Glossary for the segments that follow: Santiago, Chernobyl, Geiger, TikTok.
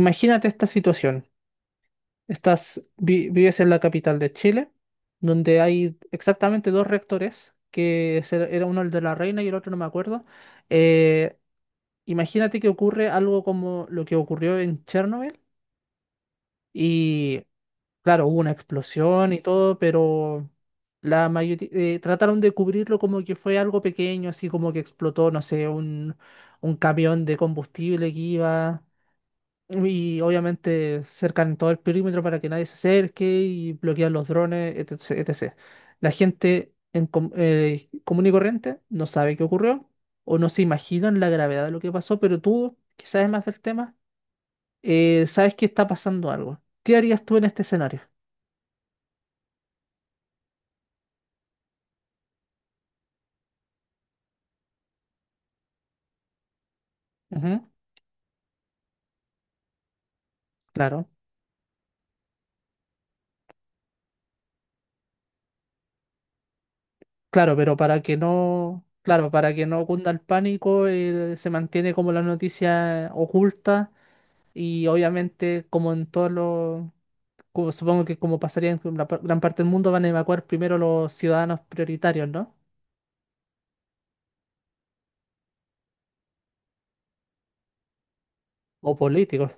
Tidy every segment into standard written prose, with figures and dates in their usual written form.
Imagínate esta situación. Vives en la capital de Chile, donde hay exactamente dos reactores, que era uno el de la Reina y el otro no me acuerdo. Eh, Imagínate que ocurre algo como lo que ocurrió en Chernobyl. Y claro, hubo una explosión y todo, pero la mayoría trataron de cubrirlo como que fue algo pequeño, así como que explotó, no sé, un camión de combustible que iba. Y obviamente cercan todo el perímetro para que nadie se acerque y bloquean los drones, etc. etc.. La gente en com- común y corriente no sabe qué ocurrió o no se imaginan la gravedad de lo que pasó, pero tú, que sabes más del tema, sabes que está pasando algo. ¿Qué harías tú en este escenario? Ujú. Claro, claro, pero para que no, claro, para que no cunda el pánico, se mantiene como la noticia oculta y obviamente como en todos supongo que como pasaría en gran parte del mundo, van a evacuar primero los ciudadanos prioritarios, ¿no? O políticos.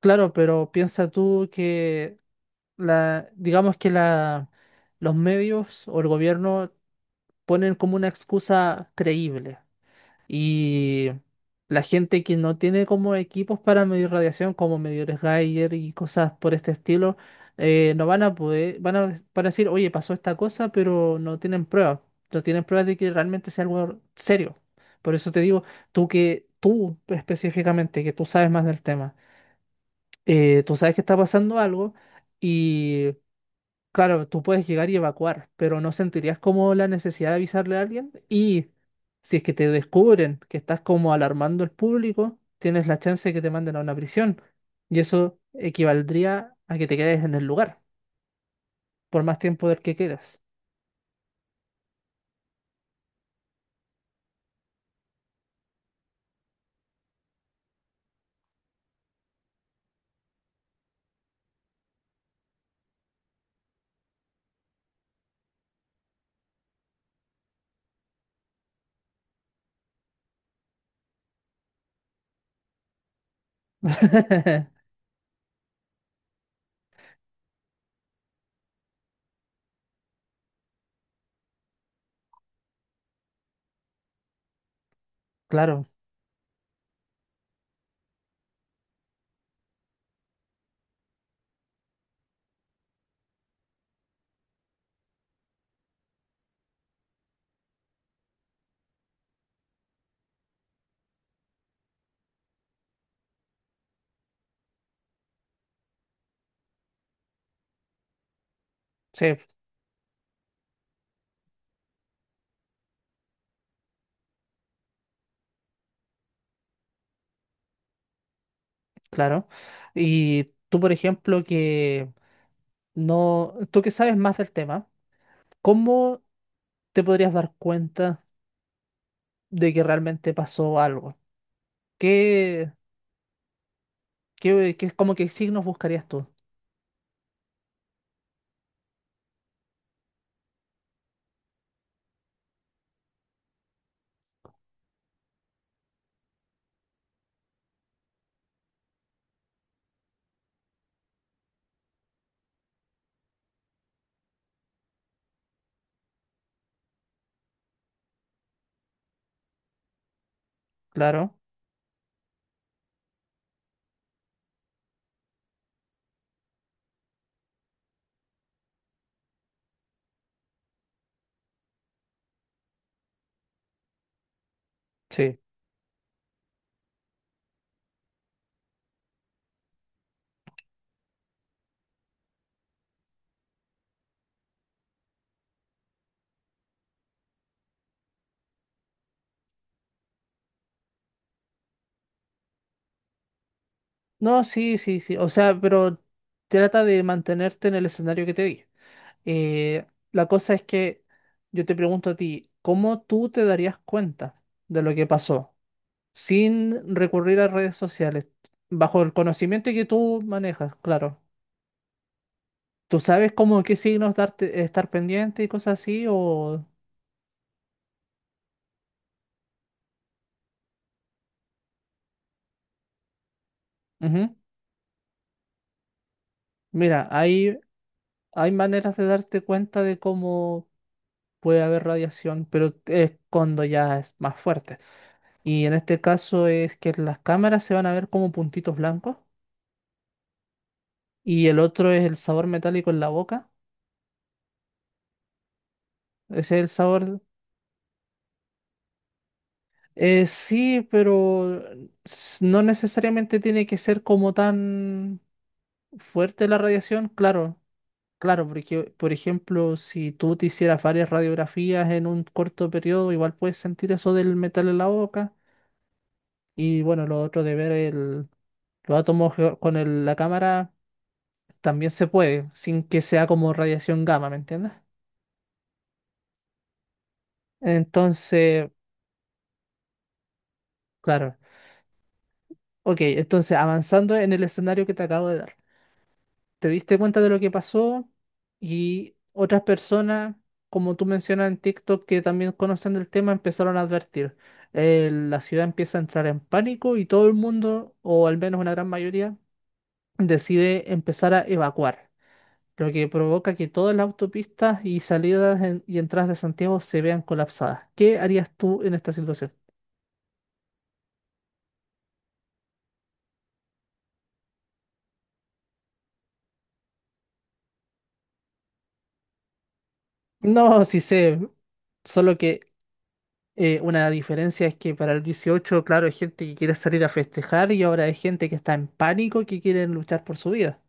Claro, pero piensa tú que la, digamos que la, los medios o el gobierno ponen como una excusa creíble. Y la gente que no tiene como equipos para medir radiación, como medidores Geiger y cosas por este estilo, no van a poder, van a, van a decir, oye, pasó esta cosa, pero no tienen pruebas. No tienen pruebas de que realmente sea algo serio. Por eso te digo, tú específicamente, que tú sabes más del tema, tú sabes que está pasando algo y claro, tú puedes llegar y evacuar, pero no sentirías como la necesidad de avisarle a alguien. Y si es que te descubren que estás como alarmando al público, tienes la chance de que te manden a una prisión. Y eso equivaldría a que te quedes en el lugar por más tiempo del que quieras. Claro, sí, claro. Y tú, por ejemplo, que no, tú que sabes más del tema, ¿cómo te podrías dar cuenta de que realmente pasó algo? ¿Qué, ¿Como que signos buscarías tú? Claro, sí. No, sí, sí, sí. O sea, pero trata de mantenerte en el escenario que te di. Eh, la cosa es que yo te pregunto a ti, ¿cómo tú te darías cuenta de lo que pasó sin recurrir a redes sociales? Bajo el conocimiento que tú manejas, claro. ¿Tú sabes cómo qué signos darte, estar pendiente y cosas así? O... Ujú. Mira, hay maneras de darte cuenta de cómo puede haber radiación, pero es cuando ya es más fuerte. Y en este caso es que las cámaras se van a ver como puntitos blancos y el otro es el sabor metálico en la boca. Ese es el sabor. Sí, pero no necesariamente tiene que ser como tan fuerte la radiación, claro. Claro, porque, por ejemplo, si tú te hicieras varias radiografías en un corto periodo, igual puedes sentir eso del metal en la boca. Y bueno, lo otro de ver los átomos con la cámara también se puede, sin que sea como radiación gamma, ¿me entiendes? Entonces, claro. Ok, entonces avanzando en el escenario que te acabo de dar. Te diste cuenta de lo que pasó y otras personas, como tú mencionas en TikTok, que también conocen del tema, empezaron a advertir. La ciudad empieza a entrar en pánico y todo el mundo, o al menos una gran mayoría, decide empezar a evacuar, lo que provoca que todas las autopistas y y entradas de Santiago se vean colapsadas. ¿Qué harías tú en esta situación? No, sí sé, solo que una diferencia es que para el 18, claro, hay gente que quiere salir a festejar y ahora hay gente que está en pánico que quiere luchar por su vida.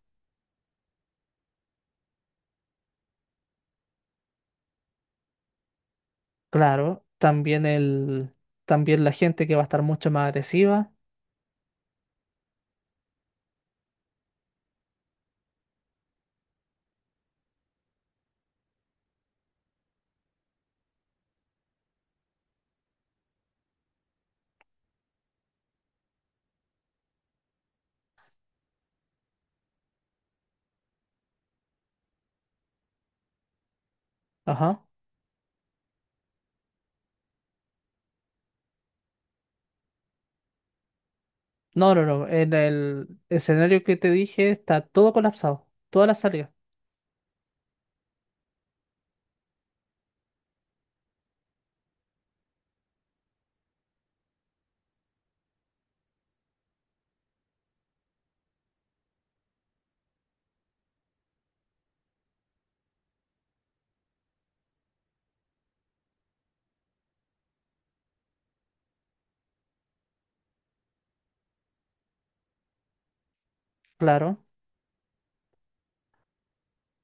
Claro, también la gente que va a estar mucho más agresiva. Ajá. No, no, no. En el escenario que te dije está todo colapsado, todas las salidas. Claro.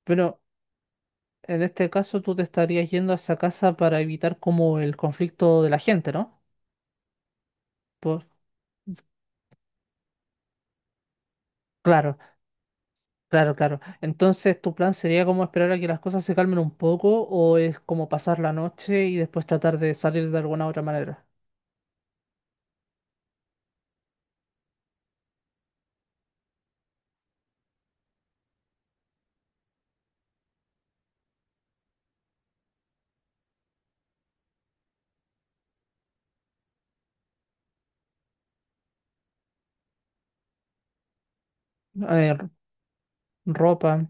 Pero en este caso, tú te estarías yendo a esa casa para evitar como el conflicto de la gente, ¿no? Por- Claro, claro, claro. Entonces, ¿tu plan sería como esperar a que las cosas se calmen un poco o es como pasar la noche y después tratar de salir de alguna otra manera? Eh, r- Ropa.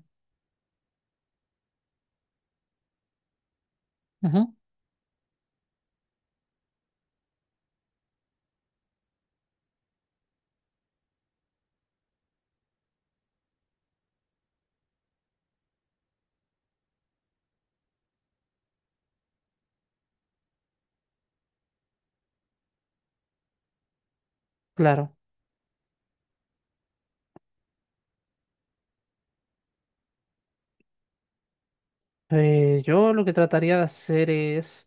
Ujú. Claro. Yo lo que trataría de hacer es...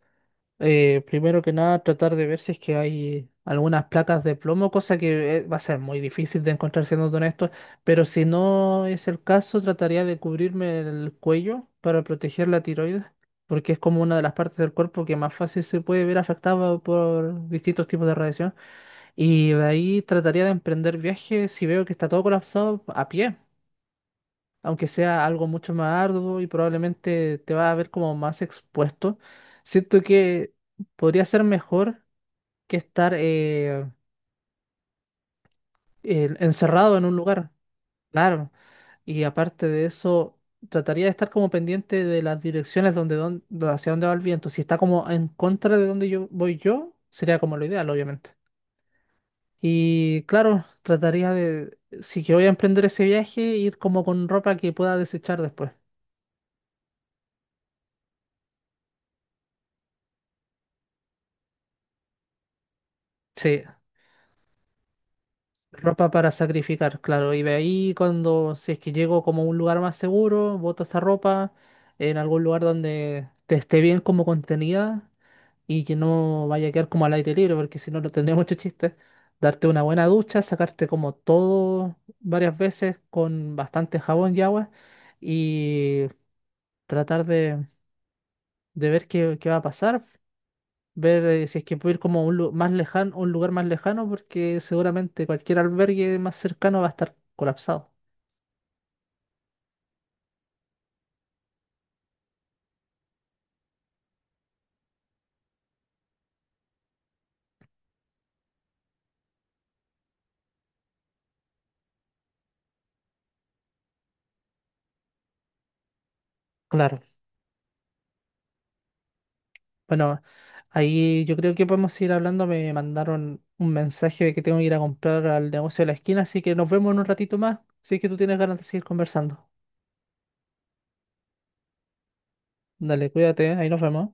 Primero que nada, tratar de ver si es que hay algunas placas de plomo, cosa que va a ser muy difícil de encontrar siendo honesto, pero si no es el caso, trataría de cubrirme el cuello para proteger la tiroides, porque es como una de las partes del cuerpo que más fácil se puede ver afectada por distintos tipos de radiación. Y de ahí trataría de emprender viajes si veo que está todo colapsado a pie, aunque sea algo mucho más arduo y probablemente te va a ver como más expuesto, siento que podría ser mejor que estar encerrado en un lugar, claro. Y aparte de eso, trataría de estar como pendiente de las direcciones hacia dónde va el viento. Si está como en contra de donde yo voy yo, sería como lo ideal, obviamente. Y claro, trataría de, si que voy a emprender ese viaje, ir como con ropa que pueda desechar después. Sí, ropa para sacrificar, claro. Y de ahí cuando, si es que llego como a un lugar más seguro, boto esa ropa en algún lugar donde te esté bien como contenida y que no vaya a quedar como al aire libre, porque si no, no tendría mucho chiste. Darte una buena ducha, sacarte como todo varias veces con bastante jabón y agua y tratar de ver qué va a pasar, ver si es que puedo ir como a más lejano, un lugar más lejano, porque seguramente cualquier albergue más cercano va a estar colapsado. Claro. Bueno, ahí yo creo que podemos ir hablando. Me mandaron un mensaje de que tengo que ir a comprar al negocio de la esquina, así que nos vemos en un ratito más, si es que tú tienes ganas de seguir conversando. Dale, cuídate, ahí nos vemos.